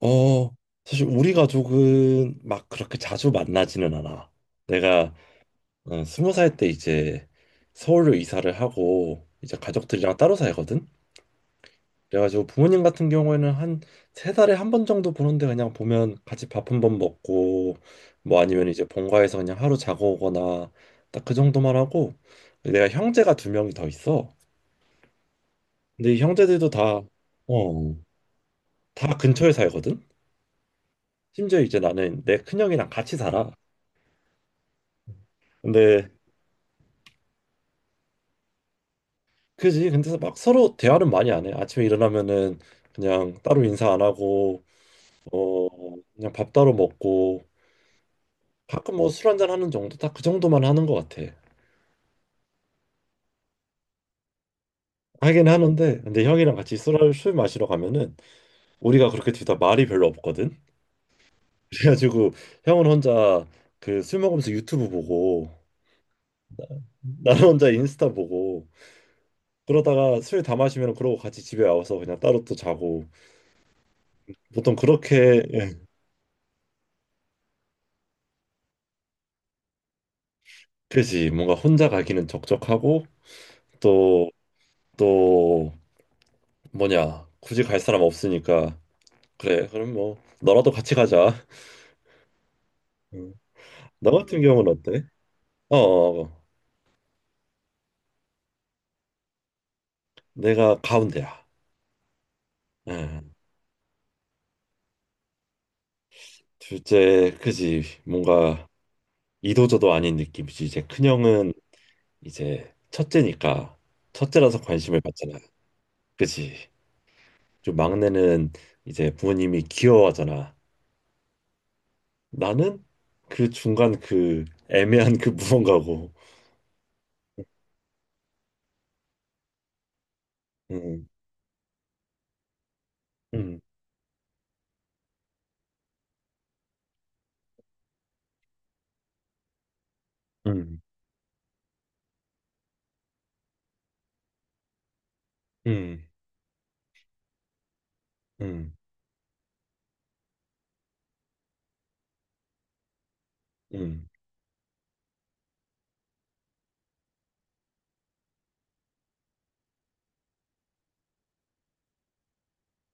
어, 사실 우리 가족은 막 그렇게 자주 만나지는 않아. 내가 스무 살 때 이제 서울로 이사를 하고 이제 가족들이랑 따로 살거든. 그래가지고 부모님 같은 경우에는 한 세 달에 한 번 정도 보는데 그냥 보면 같이 밥 한번 먹고 뭐 아니면 이제 본가에서 그냥 하루 자고 오거나 딱 그 정도만 하고 내가 형제가 두 명이 더 있어. 근데 이 형제들도 어, 다 근처에 살거든. 심지어 이제 나는 내 큰형이랑 같이 살아. 근데 그지? 근데 막 서로 대화는 많이 안 해. 아침에 일어나면은 그냥 따로 인사 안 하고 어 그냥 밥 따로 먹고 가끔 뭐 술 한잔 하는 정도 딱 그 정도만 하는 것 같아. 하긴 하는데 근데 형이랑 같이 술을 술 마시러 가면은 우리가 그렇게 둘 다 말이 별로 없거든. 그래가지고 형은 혼자 그 술 먹으면서 유튜브 보고 나는 혼자 인스타 보고 그러다가 술 다 마시면 그러고 같이 집에 와서 그냥 따로 또 자고 보통 그렇게 예. 그지, 뭔가 혼자 가기는 적적하고 또 뭐냐 굳이 갈 사람 없으니까 그래 그럼 뭐 너라도 같이 가자. 음. 너 같은 경우는 어때? 어, 어, 어. 내가 가운데야. 음. 둘째, 그지. 뭔가 이도저도 아닌 느낌이지. 이제 큰형은 이제 첫째니까, 첫째라서 관심을 받잖아. 그지. 좀 막내는 이제 부모님이 귀여워하잖아. 나는 그 중간, 그 애매한 그 무언가고. 음, 음, 음, 음, 음. 음.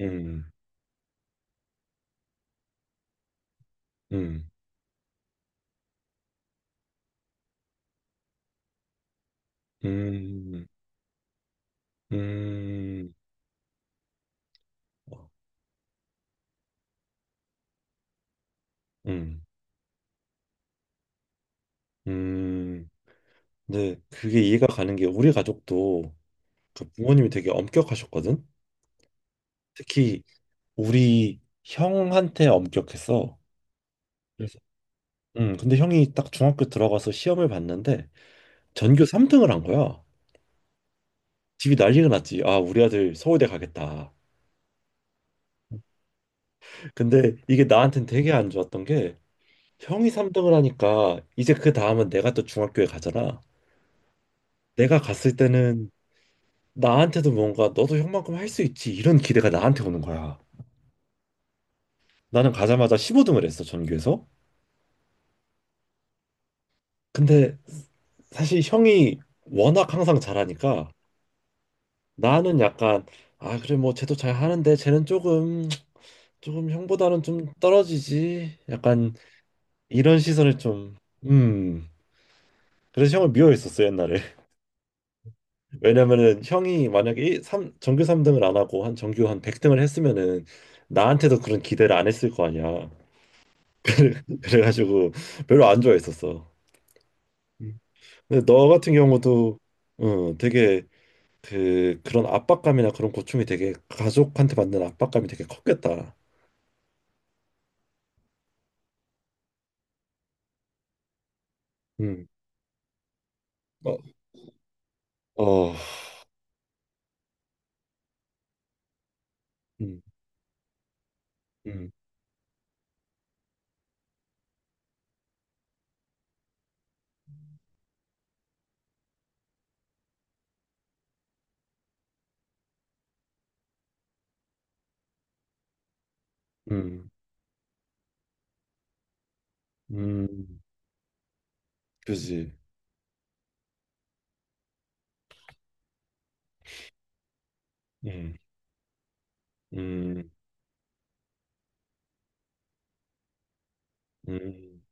음, 음, 음, 음, 어, 음, 음. 근데 그게 이해가 가는 게 우리 가족도 그 부모님이 되게 엄격하셨거든. 특히 우리 형한테 엄격했어. 그래서, 근데 형이 딱 중학교 들어가서 시험을 봤는데 전교 3등을 한 거야. 집이 난리가 났지. 아, 우리 아들 서울대 가겠다. 근데 이게 나한텐 되게 안 좋았던 게 형이 3등을 하니까 이제 그 다음은 내가 또 중학교에 가잖아. 내가 갔을 때는 나한테도 뭔가 너도 형만큼 할 수 있지 이런 기대가 나한테 오는 거야. 나는 가자마자 15등을 했어 전교에서. 근데 사실 형이 워낙 항상 잘하니까 나는 약간, 아 그래 뭐 쟤도 잘 하는데 쟤는 조금 형보다는 좀 떨어지지, 약간 이런 시선을 좀. 음. 그래서 형을 미워했었어 옛날에. 왜냐면은 형이 만약에 일- 삼 전교 3등을 안 하고 한 전교 한 100등을 했으면은 나한테도 그런 기대를 안 했을 거 아니야. 그래가지고 별로 안 좋아했었어. 음. 근데 너 같은 경우도 어, 되게 그 그런 압박감이나 그런 고충이, 되게 가족한테 받는 압박감이 되게 컸겠다. 음. 어, 어. 음, 음, 음, 음, 그지. 음, 음, 음.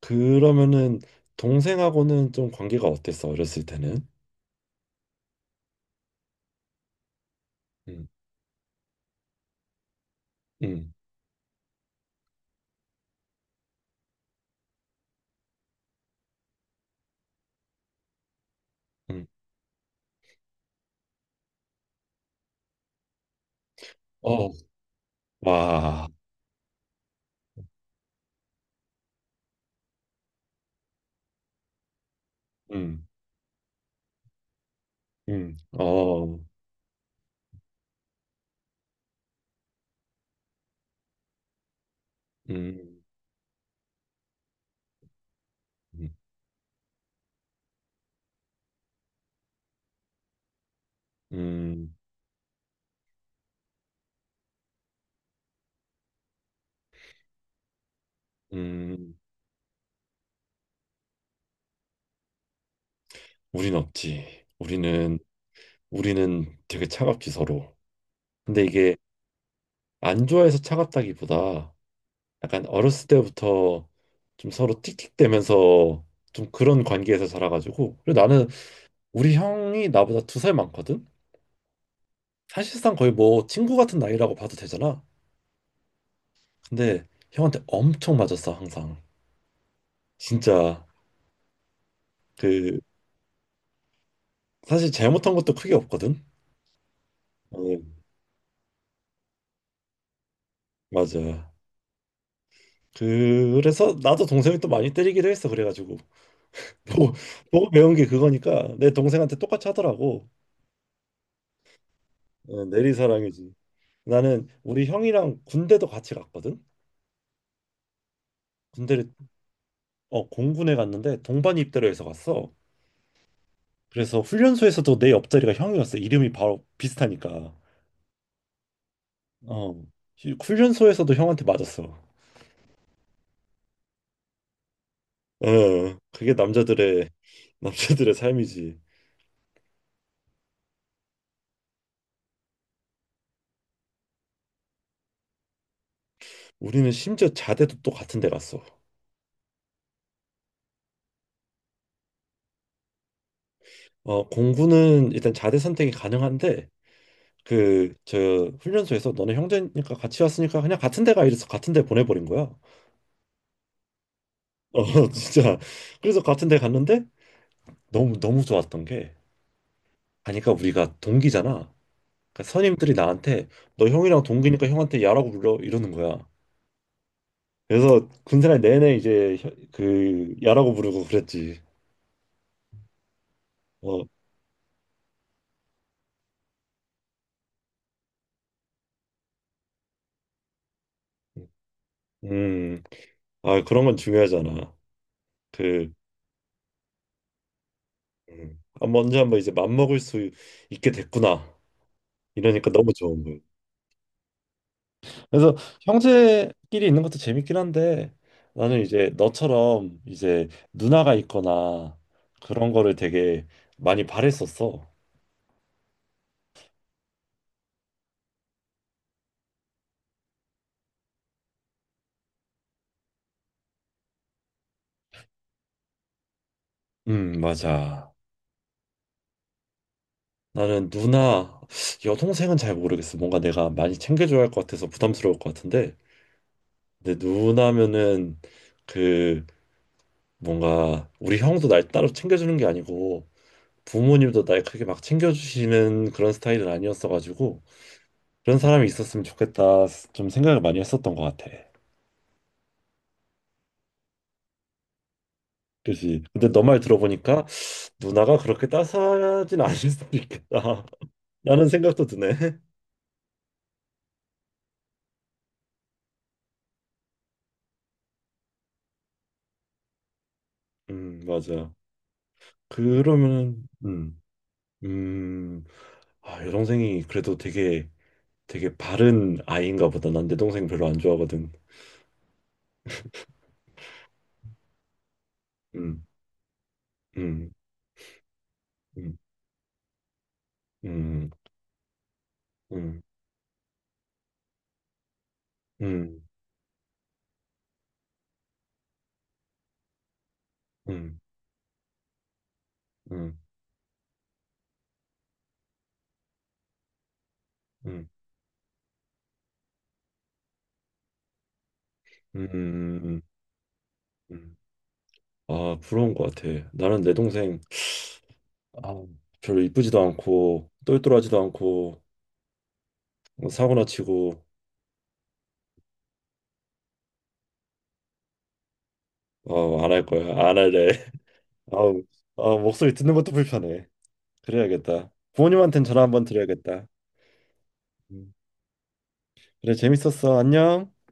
그러면은 동생하고는 좀 관계가 어땠어? 어렸을 때는? 음, 음, 음. 어, 와. 음, 어, 음, 음. 음. 음, 우린 없지. 우리는 되게 차갑지 서로. 근데 이게 안 좋아해서 차갑다기보다 약간 어렸을 때부터 좀 서로 틱틱대면서 좀 그런 관계에서 자라가지고. 그리고 나는 우리 형이 나보다 두 살 많거든. 사실상 거의 뭐 친구 같은 나이라고 봐도 되잖아. 근데 형한테 엄청 맞았어 항상. 진짜. 그 사실 잘못한 것도 크게 없거든. 어, 맞아. 그래서 나도 동생이 또 많이 때리기도 했어 그래가지고. 보고, 보고 배운 게 그거니까 내 동생한테 똑같이 하더라고. 어, 내리사랑이지. 나는 우리 형이랑 군대도 같이 갔거든. 군대를 공군에 갔는데 동반 입대로해서 갔어. 그래서 훈련소에서도 내 옆자리가 형이었어. 이름이 바로 비슷하니까. 어, 훈련소에서도 형한테 맞았어. 어, 그게 남자들의 남자들의 삶이지. 우리는 심지어 자대도 또 같은 데 갔어. 어, 공군은 일단 자대 선택이 가능한데 그 저 훈련소에서 너네 형제니까 같이 왔으니까 그냥 같은 데가, 이래서 같은 데 보내버린 거야. 어 진짜. 그래서 같은 데 갔는데 너무 너무 좋았던 게, 가니까 우리가 동기잖아. 그러니까 선임들이 나한테 너 형이랑 동기니까 형한테 야라고 불러 이러는 거야. 그래서 군생활 내내 이제 그 야라고 부르고 그랬지. 어, 음, 아, 그런 건 중요하잖아. 그, 아, 먼저 한번 이제 맘먹을 수 있게 됐구나. 이러니까 너무 좋은 거야. 그래서 형제끼리 있는 것도 재밌긴 한데 나는 이제 너처럼 이제 누나가 있거나 그런 거를 되게 많이 바랬었어. 맞아. 나는 누나, 여동생은 잘 모르겠어. 뭔가 내가 많이 챙겨줘야 할 것 같아서 부담스러울 것 같은데. 근데 누나면은 그, 뭔가 우리 형도 날 따로 챙겨주는 게 아니고 부모님도 날 크게 막 챙겨주시는 그런 스타일은 아니었어가지고 그런 사람이 있었으면 좋겠다, 좀 생각을 많이 했었던 것 같아. 그지. 근데 너 말 들어보니까 누나가 그렇게 따스하진 않을 수도 있겠다 라는 생각도 드네. 맞아. 그러면은, 음, 아, 여동생이 그래도 되게, 되게 바른 아이인가 보다. 난 내 동생 별로 안 좋아하거든. 음, 음, 음, 음, 음, 음, 음, 음, 음, 음, 음. 음, 음. 아, 부러운 것 같아. 나는 내 동생, 아, 별로 이쁘지도 않고, 똘똘하지도 않고, 사고나 치고, 어, 안 할 거야. 안 할래. 아우, 아, 목소리 듣는 것도 불편해. 그래야겠다. 부모님한텐 전화 한번 드려야겠다. 음. 그래, 재밌었어. 안녕.